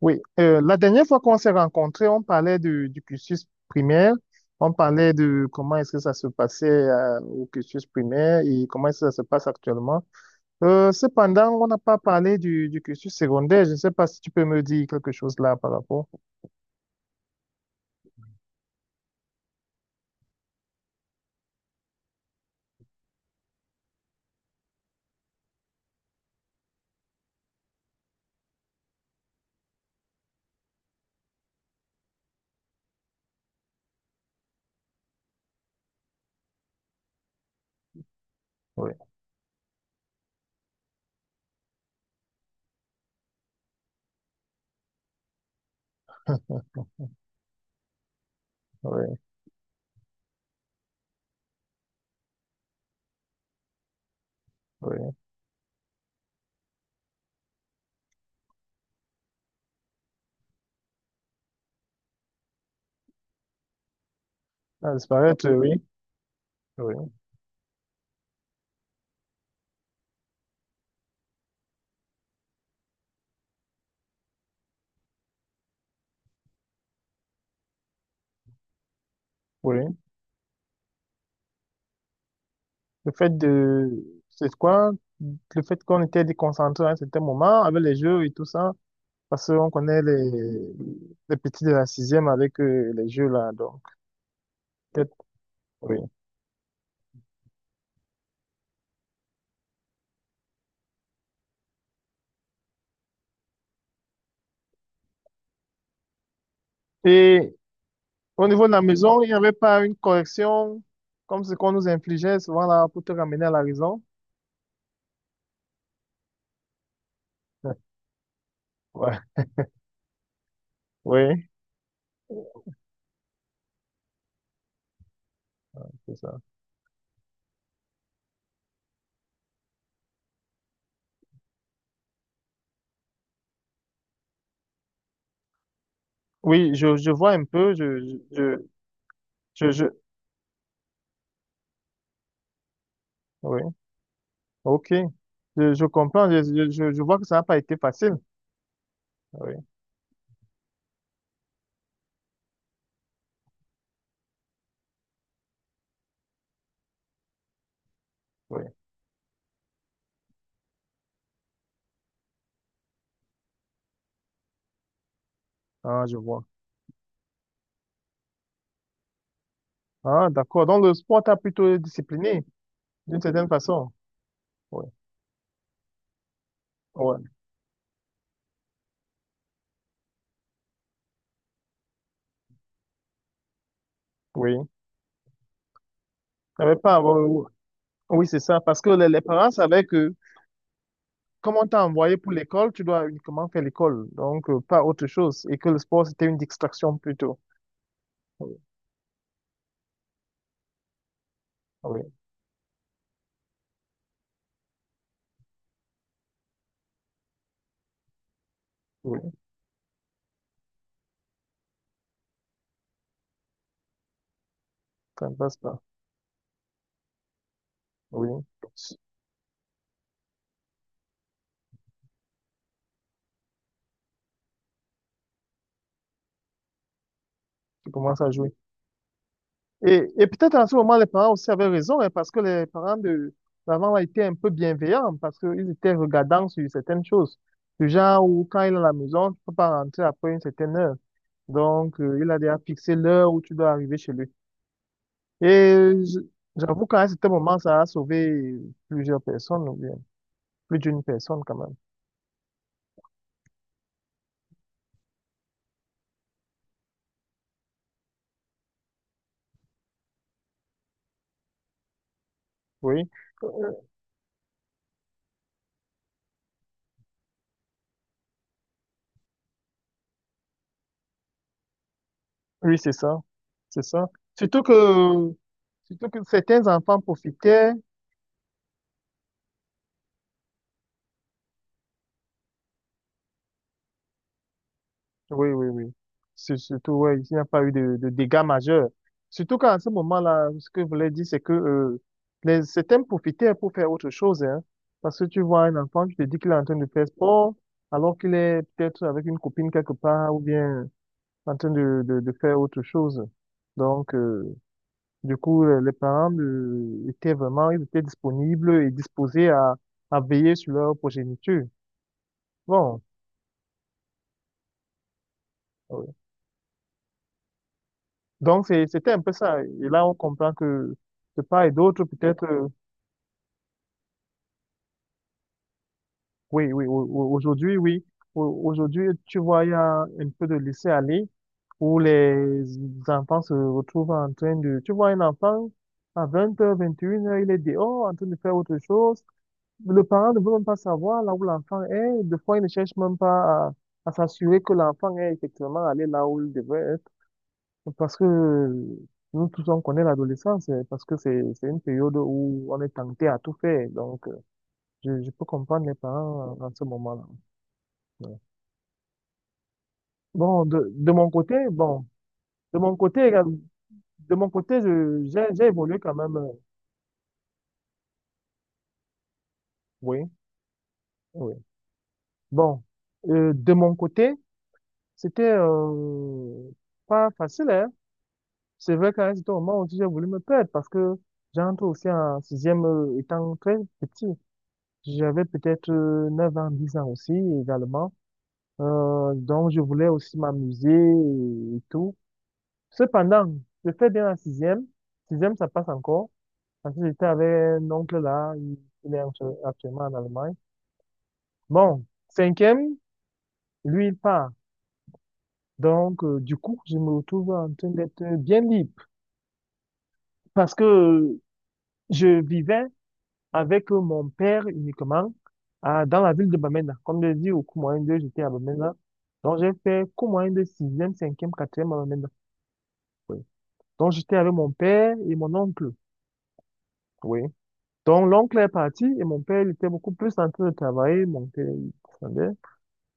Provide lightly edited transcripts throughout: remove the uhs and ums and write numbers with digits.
Oui, la dernière fois qu'on s'est rencontrés, on parlait du cursus primaire, on parlait de comment est-ce que ça se passait au cursus primaire et comment est-ce que ça se passe actuellement. Cependant, on n'a pas parlé du cursus secondaire. Je ne sais pas si tu peux me dire quelque chose là par rapport. Oui, oui, oui. À disparaître, oui. Oui, oui. Le fait de... C'est quoi? Le fait qu'on était déconcentré à un certain moment avec les jeux et tout ça, parce qu'on connaît les petits de la sixième avec les jeux là, donc peut-être, oui. Et au niveau de la maison, il n'y avait pas une correction comme ce qu'on nous infligeait souvent là pour te ramener à la raison? Ouais. Oui, c'est ça. Oui, je vois un peu, je, je, je, je- oui, ok. Je comprends, je vois que ça n'a pas été facile. Oui, oui. Ah, je vois. Ah, d'accord. Donc, le sport t'a plutôt discipliné, d'une certaine façon. Oui, ouais oui. T'avais pas à avoir- Oui, c'est ça. Parce que les parents savaient que, comme on t'a envoyé pour l'école, tu dois uniquement faire l'école. Donc, pas autre chose. Et que le sport, c'était une distraction plutôt. Oui, oui, oui. Ça ne passe pas. Oui. Tu commences à jouer. Et peut-être à ce moment, les parents aussi avaient raison, hein, parce que les parents de l'avant a été un peu bienveillants, parce qu'ils étaient regardants sur certaines choses. Du genre où, quand il est à la maison, tu ne peux pas rentrer après une certaine heure. Donc, il a déjà fixé l'heure où tu dois arriver chez lui. Et j'avoue qu'à un certain moment, ça a sauvé plusieurs personnes, ou bien plus d'une personne quand même. Oui, Euh, oui, c'est ça. C'est ça. Surtout que, surtout que certains enfants profitaient. Oui, oui, oui. C'est surtout, ouais, il n'y a pas eu de dégâts majeurs. Surtout qu'à ce moment-là, ce que je voulais dire, c'est que certains profitaient pour faire autre chose. Hein, parce que tu vois un enfant, tu te dis qu'il est en train de faire sport, alors qu'il est peut-être avec une copine quelque part ou bien en train de faire autre chose. Donc, du coup, les parents étaient vraiment, ils étaient disponibles et disposés à veiller sur leur progéniture. Bon, euh, Donc, c'est- c'était un peu ça. Et là, on comprend que de part et d'autre, peut-être, oui, oui, aujourd'hui, oui. Aujourd'hui, tu vois, il y a un peu de laisser-aller où les enfants se retrouvent en train de, tu vois, un enfant à 20h, 21h, il est dehors en train de faire autre chose. Le parent ne veut même pas savoir là où l'enfant est. Des fois, il ne cherche même pas à s'assurer que l'enfant est effectivement allé là où il devrait. Parce que nous tous, on connaît l'adolescence, parce que c'est une période où on est tenté à tout faire. Donc, je peux comprendre les parents en ce moment-là. Ouais. Bon, de mon côté, de mon côté, euh, de mon côté, j'ai évolué quand même. Oui, oui. Bon, de mon côté, c'était pas facile, hein. C'est vrai qu'à un certain moment aussi, j'ai voulu me perdre parce que j'entre aussi en sixième étant très petit. J'avais peut-être 9 ans, 10 ans aussi également. Donc, je voulais aussi m'amuser et tout. Cependant, je fais bien la sixième. Sixième, ça passe encore. Parce que j'étais avec un oncle là, il est actuellement en Allemagne. Bon, cinquième, lui, il part. Donc, du coup, je me retrouve en train d'être bien libre. Parce que je vivais avec mon père uniquement dans la ville de Bamenda. Comme je dis, au cours moyen 2, j'étais à Bamenda. Donc, j'ai fait cours moyen de sixième cinquième quatrième à Bamenda. Oui. Donc, j'étais avec mon père et mon oncle. Oui. Donc, l'oncle est parti et mon père, il était beaucoup plus en train de travailler. Mon père, il descendait.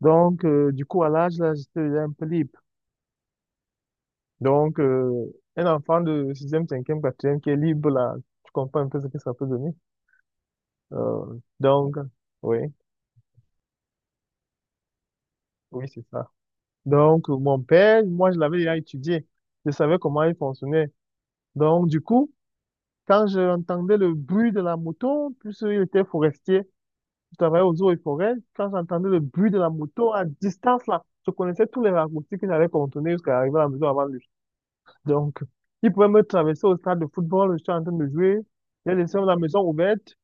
Donc, du coup, à l'âge, là, j'étais déjà un peu libre. Donc, un enfant de sixième cinquième quatrième qui est libre, là, tu comprends un peu ce que ça peut donner. Donc, oui, oui, c'est ça. Donc, mon père, moi, je l'avais déjà étudié. Je savais comment il fonctionnait. Donc, du coup, quand j'entendais le bruit de la moto, puisque il était forestier, je travaillais aux eaux et forêts, quand j'entendais le bruit de la moto à distance, là, je connaissais tous les raccourcis que j'allais contourner jusqu'à arriver à la maison avant lui. Donc, il pouvait me traverser au stade de football, je suis en train de jouer, j'ai laissé la maison ouverte.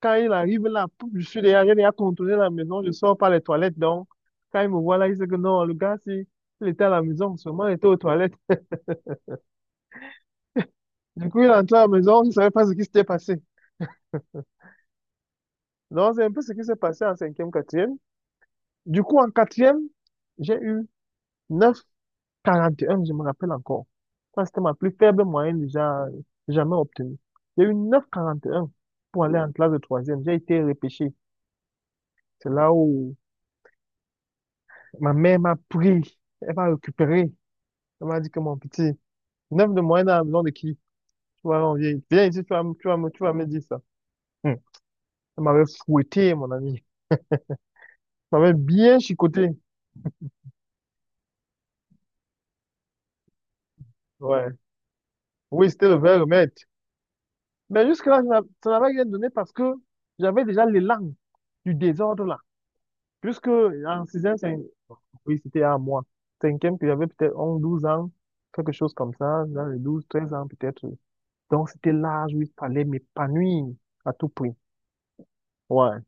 Quand il arrive là, pouf, je suis derrière, j'ai déjà contourné la maison, je sors par les toilettes. Donc, quand il me voit là, il sait que non, le gars, si il était à la maison, seulement il était aux toilettes. Du coup, il est entré à la maison, il ne savait pas ce qui s'était passé. Donc, c'est un peu ce qui s'est passé en cinquième, quatrième. Du coup, en quatrième, j'ai eu 9,41, je me rappelle encore. Ça, c'était ma plus faible moyenne déjà jamais obtenue. J'ai eu neuf virgule quarante et un pour aller en classe de troisième. J'ai été repêché. C'est là où ma mère m'a pris. Elle m'a récupéré. Elle m'a dit que mon petit, 9 de moyenne à la maison de qui? Tu vas envier. Viens ici, tu vas me dire ça. Hmm. Elle m'avait fouetté, mon ami. Elle m'avait bien chicoté. Ouais. Oui, c'était le vrai remède. Mais jusque-là, je n'a- ça n'avait rien donné parce que j'avais déjà l'élan du désordre là. Puisque en sixième, oui, c'était à moi. Cinquième, puis j'avais peut-être 11 12 ans, quelque chose comme ça, dans les 12, 13 ans peut-être. Donc c'était l'âge où il fallait m'épanouir à tout prix. Ouais.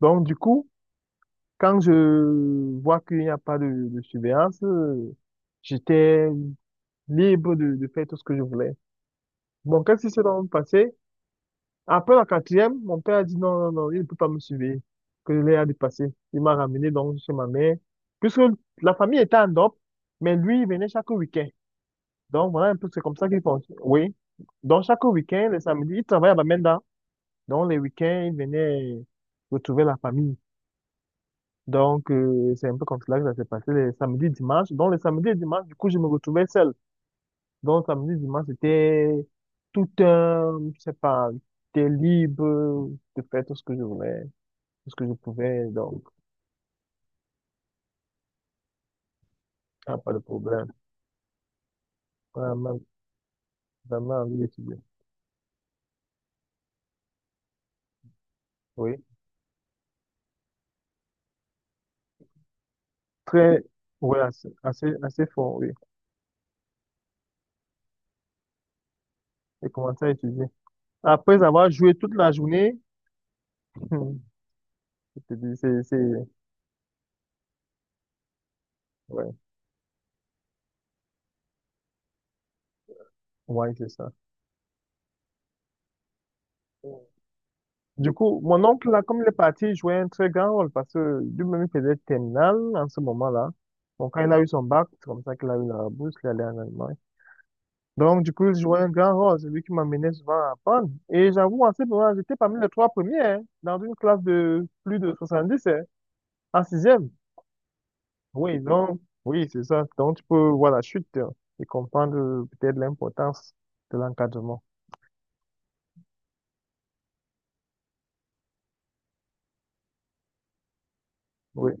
Donc du coup, quand je vois qu'il n'y a pas de surveillance, j'étais libre de faire tout ce que je voulais. Bon, qu'est-ce qui s'est donc passé? Après la quatrième, mon père a dit non, non, non, il ne peut pas me suivre, que je l'ai à dépasser. Il m'a ramené donc chez ma mère, puisque la famille était en Europe, mais lui, il venait chaque week-end. Donc voilà un peu, c'est comme ça qu'il pense. Oui. Donc chaque week-end, le samedi, il travaillait à Bamenda. Donc les week-ends, il venait retrouver la famille. Donc, c'est un peu comme cela que ça s'est passé les samedis, dimanches. Donc les samedis et dimanches, du coup, je me retrouvais seul. Donc samedi, dimanche, c'était tout un, je sais pas, j'étais libre de faire tout ce que je voulais, tout ce que je pouvais, donc, ah, pas de problème. Vraiment, vraiment envie d'étudier. Oui. Très, oui, assez, assez, assez fort, oui. J'ai commencé à étudier. Après avoir joué toute la journée, je te dis, c'est, ouais, ouais, c'est ça. Du coup, mon oncle, là, comme il est parti, il jouait un très grand rôle parce que lui-même, il faisait terminale en ce moment-là. Donc, quand il a eu son bac, c'est comme ça qu'il a eu la bourse, il est allé en Allemagne. Donc, du coup, je jouais un grand rôle. C'est lui qui m'amenait souvent à apprendre. Et j'avoue, en ce moment, j'étais parmi les trois premiers, hein, dans une classe de plus de 70, hein, en sixième. Oui, donc, oui, c'est ça. Donc, tu peux voir la chute, hein, et comprendre peut-être l'importance de l'encadrement. Oui,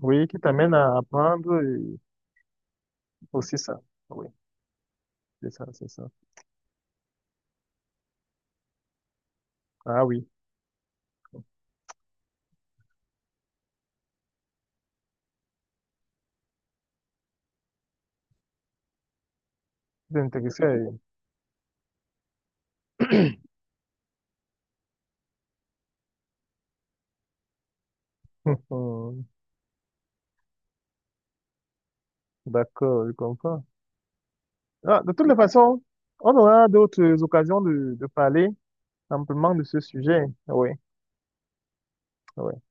oui, qui t'amène à apprendre et aussi ça. Oui, c'est ça, c'est ça. Ah oui, c'est intéressant. D'accord, je comprends. Ah, de toutes les façons, on aura d'autres occasions de parler amplement de ce sujet, oui. Oui.